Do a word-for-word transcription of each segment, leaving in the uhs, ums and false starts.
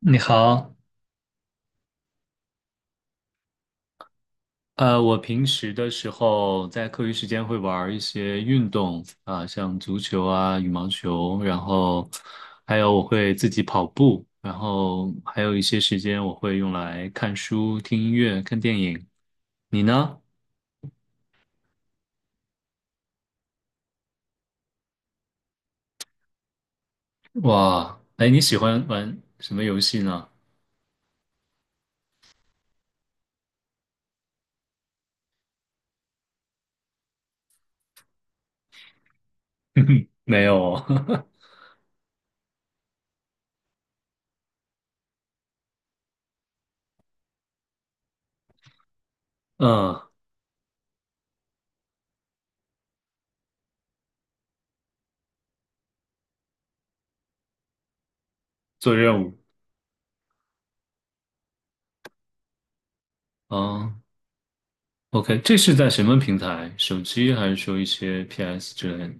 你好，呃，我平时的时候在课余时间会玩儿一些运动啊，像足球啊、羽毛球，然后还有我会自己跑步，然后还有一些时间我会用来看书、听音乐、看电影。你呢？哇，哎，你喜欢玩什么游戏呢？没有哦，嗯，做任务。哦，OK，这是在什么平台？手机还是说一些 P S 之类的？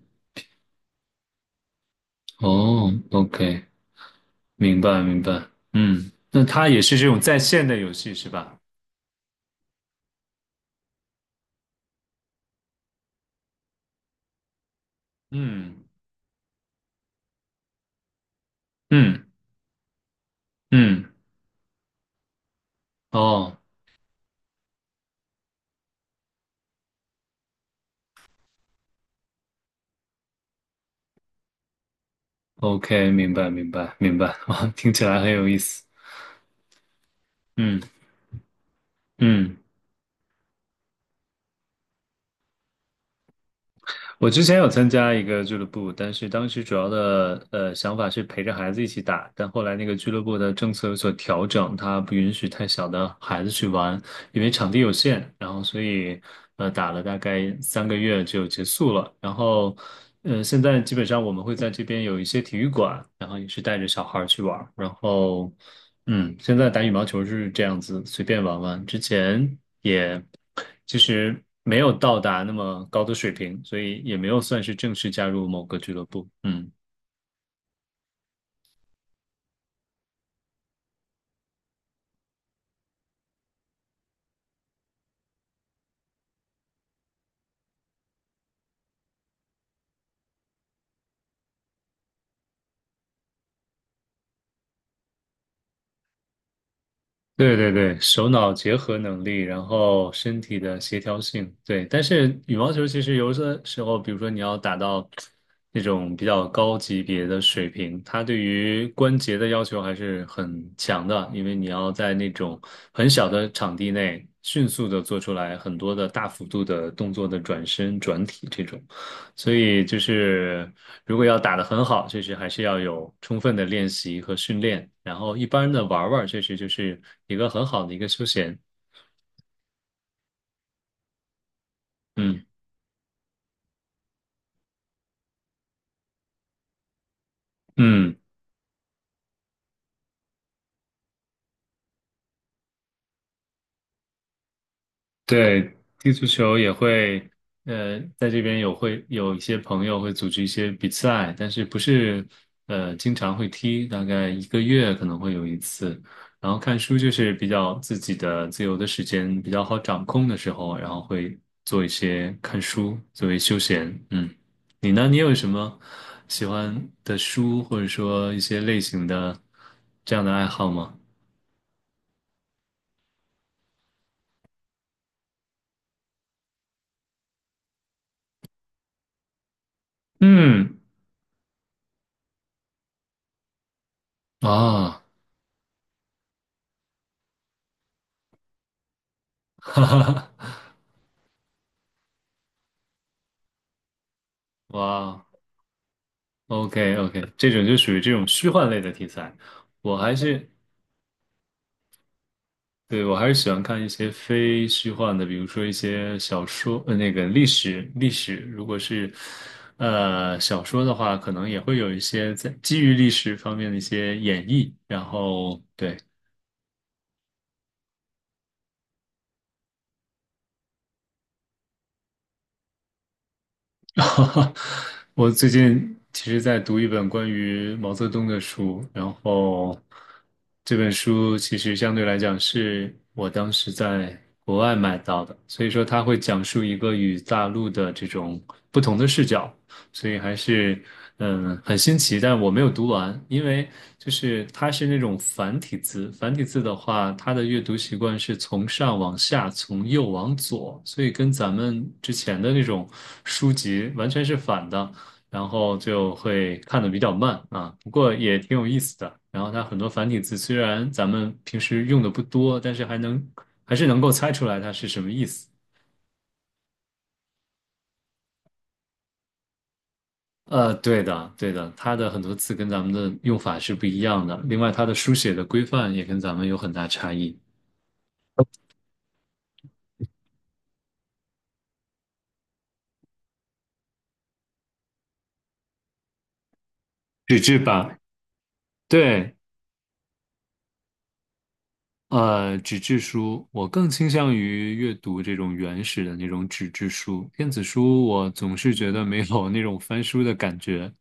哦，OK，明白明白，嗯，那它也是这种在线的游戏是吧？嗯嗯嗯，哦，OK，明白明白明白，哇，听起来很有意思，嗯嗯。我之前有参加一个俱乐部，但是当时主要的呃想法是陪着孩子一起打，但后来那个俱乐部的政策有所调整，它不允许太小的孩子去玩，因为场地有限，然后所以呃打了大概三个月就结束了，然后嗯，现在基本上我们会在这边有一些体育馆，然后也是带着小孩儿去玩儿然后。嗯，现在打羽毛球是这样子，随便玩玩。之前也其实没有到达那么高的水平，所以也没有算是正式加入某个俱乐部。嗯。对对对，手脑结合能力，然后身体的协调性，对。但是羽毛球其实有的时候，比如说你要打到那种比较高级别的水平，它对于关节的要求还是很强的，因为你要在那种很小的场地内迅速的做出来很多的大幅度的动作的转身、转体这种。所以就是，如果要打得很好，确实还是要有充分的练习和训练。然后一般的玩儿玩儿确实就是一个很好的一个休闲。嗯嗯。对，踢足球也会，呃，在这边有会有一些朋友会组织一些比赛，但是不是呃经常会踢，大概一个月可能会有一次。然后看书就是比较自己的自由的时间比较好掌控的时候，然后会做一些看书作为休闲。嗯，你呢？你有什么喜欢的书，或者说一些类型的这样的爱好吗？嗯，啊，哈哈哈，哇哦。OK OK，这种就属于这种虚幻类的题材，我还是对我还是喜欢看一些非虚幻的，比如说一些小说，呃，那个历史历史，如果是呃小说的话，可能也会有一些在基于历史方面的一些演绎，然后对。我最近其实在读一本关于毛泽东的书，然后这本书其实相对来讲是我当时在国外买到的，所以说它会讲述一个与大陆的这种不同的视角，所以还是嗯很新奇，但我没有读完，因为就是它是那种繁体字，繁体字的话，它的阅读习惯是从上往下，从右往左，所以跟咱们之前的那种书籍完全是反的，然后就会看得比较慢啊，不过也挺有意思的。然后它很多繁体字虽然咱们平时用的不多，但是还能还是能够猜出来它是什么意思。呃，对的，对的，它的很多词跟咱们的用法是不一样的。另外，它的书写的规范也跟咱们有很大差异。纸质版，对，呃，纸质书，我更倾向于阅读这种原始的那种纸质书。电子书，我总是觉得没有那种翻书的感觉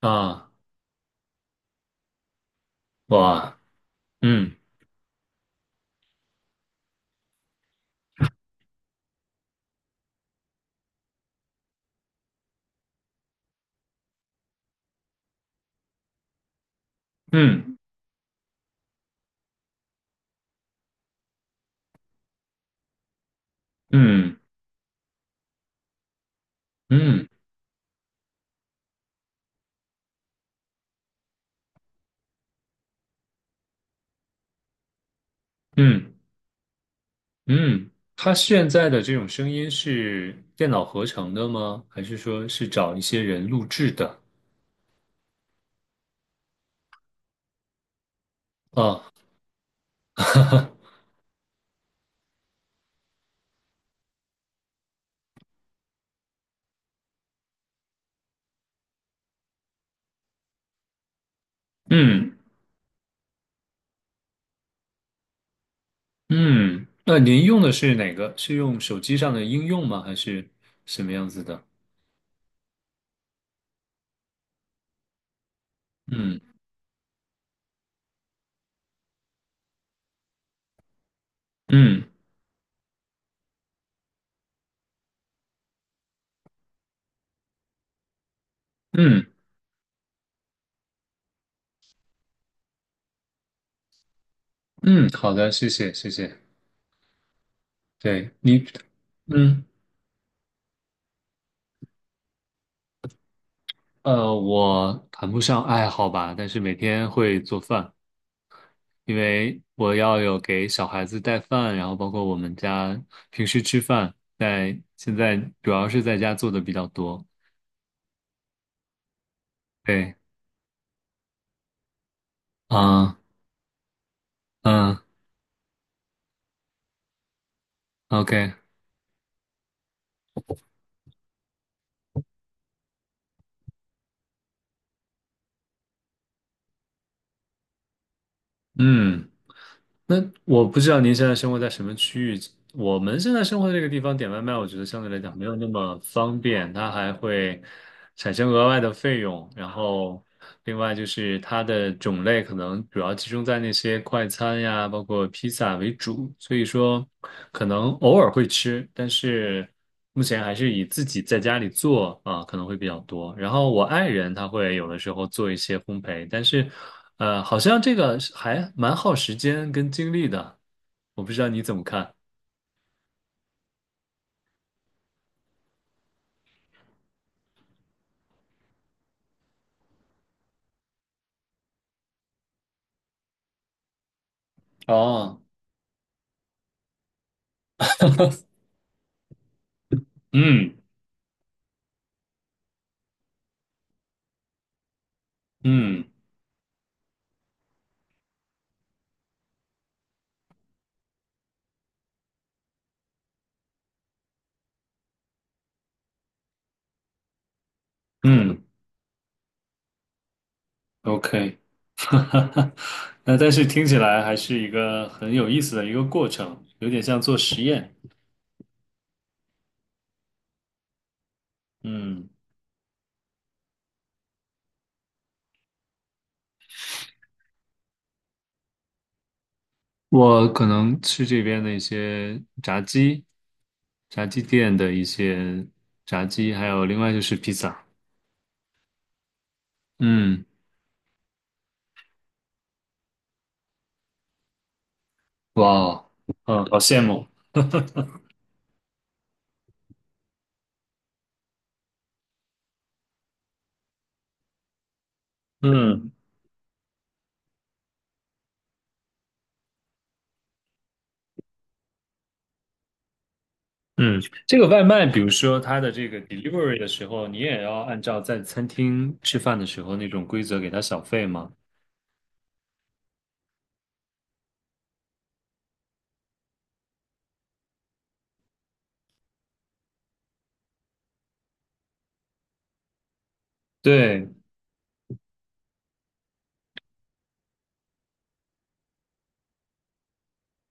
啊。哇，嗯嗯嗯嗯嗯嗯，它现在的这种声音是电脑合成的吗？还是说是找一些人录制的？哦，嗯嗯，那您用的是哪个？是用手机上的应用吗？还是什么样子的？嗯嗯嗯嗯，好的，谢谢谢谢。对你，嗯呃，我谈不上爱好吧，但是每天会做饭，因为我要有给小孩子带饭，然后包括我们家平时吃饭，在现在主要是在家做的比较多。对，啊嗯，OK，嗯。那我不知道您现在生活在什么区域。我们现在生活的这个地方点外卖，我觉得相对来讲没有那么方便，它还会产生额外的费用。然后，另外就是它的种类可能主要集中在那些快餐呀，包括披萨为主，所以说可能偶尔会吃，但是。目前还是以自己在家里做啊，可能会比较多。然后我爱人他会有的时候做一些烘焙，但是，呃，好像这个是还蛮耗时间跟精力的。我不知道你怎么看？哦，嗯嗯嗯，OK，那但是听起来还是一个很有意思的一个过程，有点像做实验。嗯。我可能吃这边的一些炸鸡、炸鸡店的一些炸鸡，还有另外就是披萨。嗯，哇哦，嗯，好羡慕。嗯嗯，这个外卖，比如说它的这个 delivery 的时候，你也要按照在餐厅吃饭的时候那种规则给它小费吗？对，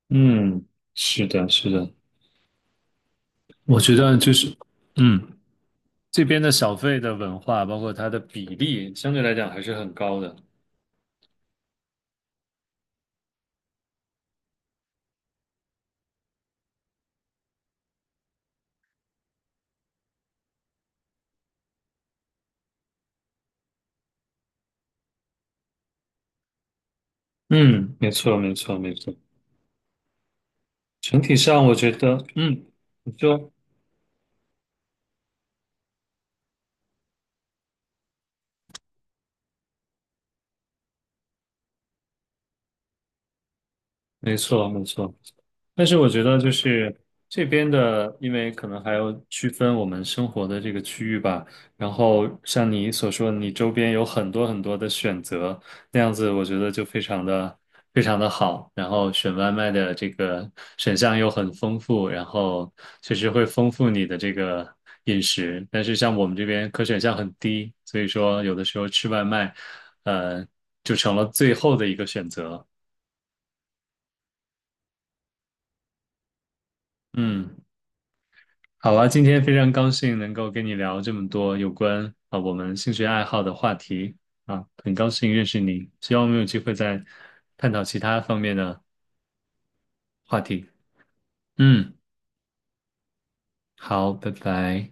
嗯，是的，是的，我觉得就是，嗯，这边的小费的文化，包括它的比例，相对来讲还是很高的。嗯，没错，没错，没错。整体上，我觉得，嗯，你说，没错，没错。但是我觉得就是这边的，因为可能还要区分我们生活的这个区域吧。然后像你所说的你周边有很多很多的选择，那样子我觉得就非常的非常的好。然后选外卖的这个选项又很丰富，然后确实会丰富你的这个饮食。但是像我们这边可选项很低，所以说有的时候吃外卖，呃，就成了最后的一个选择。嗯。好啊，今天非常高兴能够跟你聊这么多有关啊我们兴趣爱好的话题啊，很高兴认识你，希望我们有机会再探讨其他方面的话题。嗯，好，拜拜。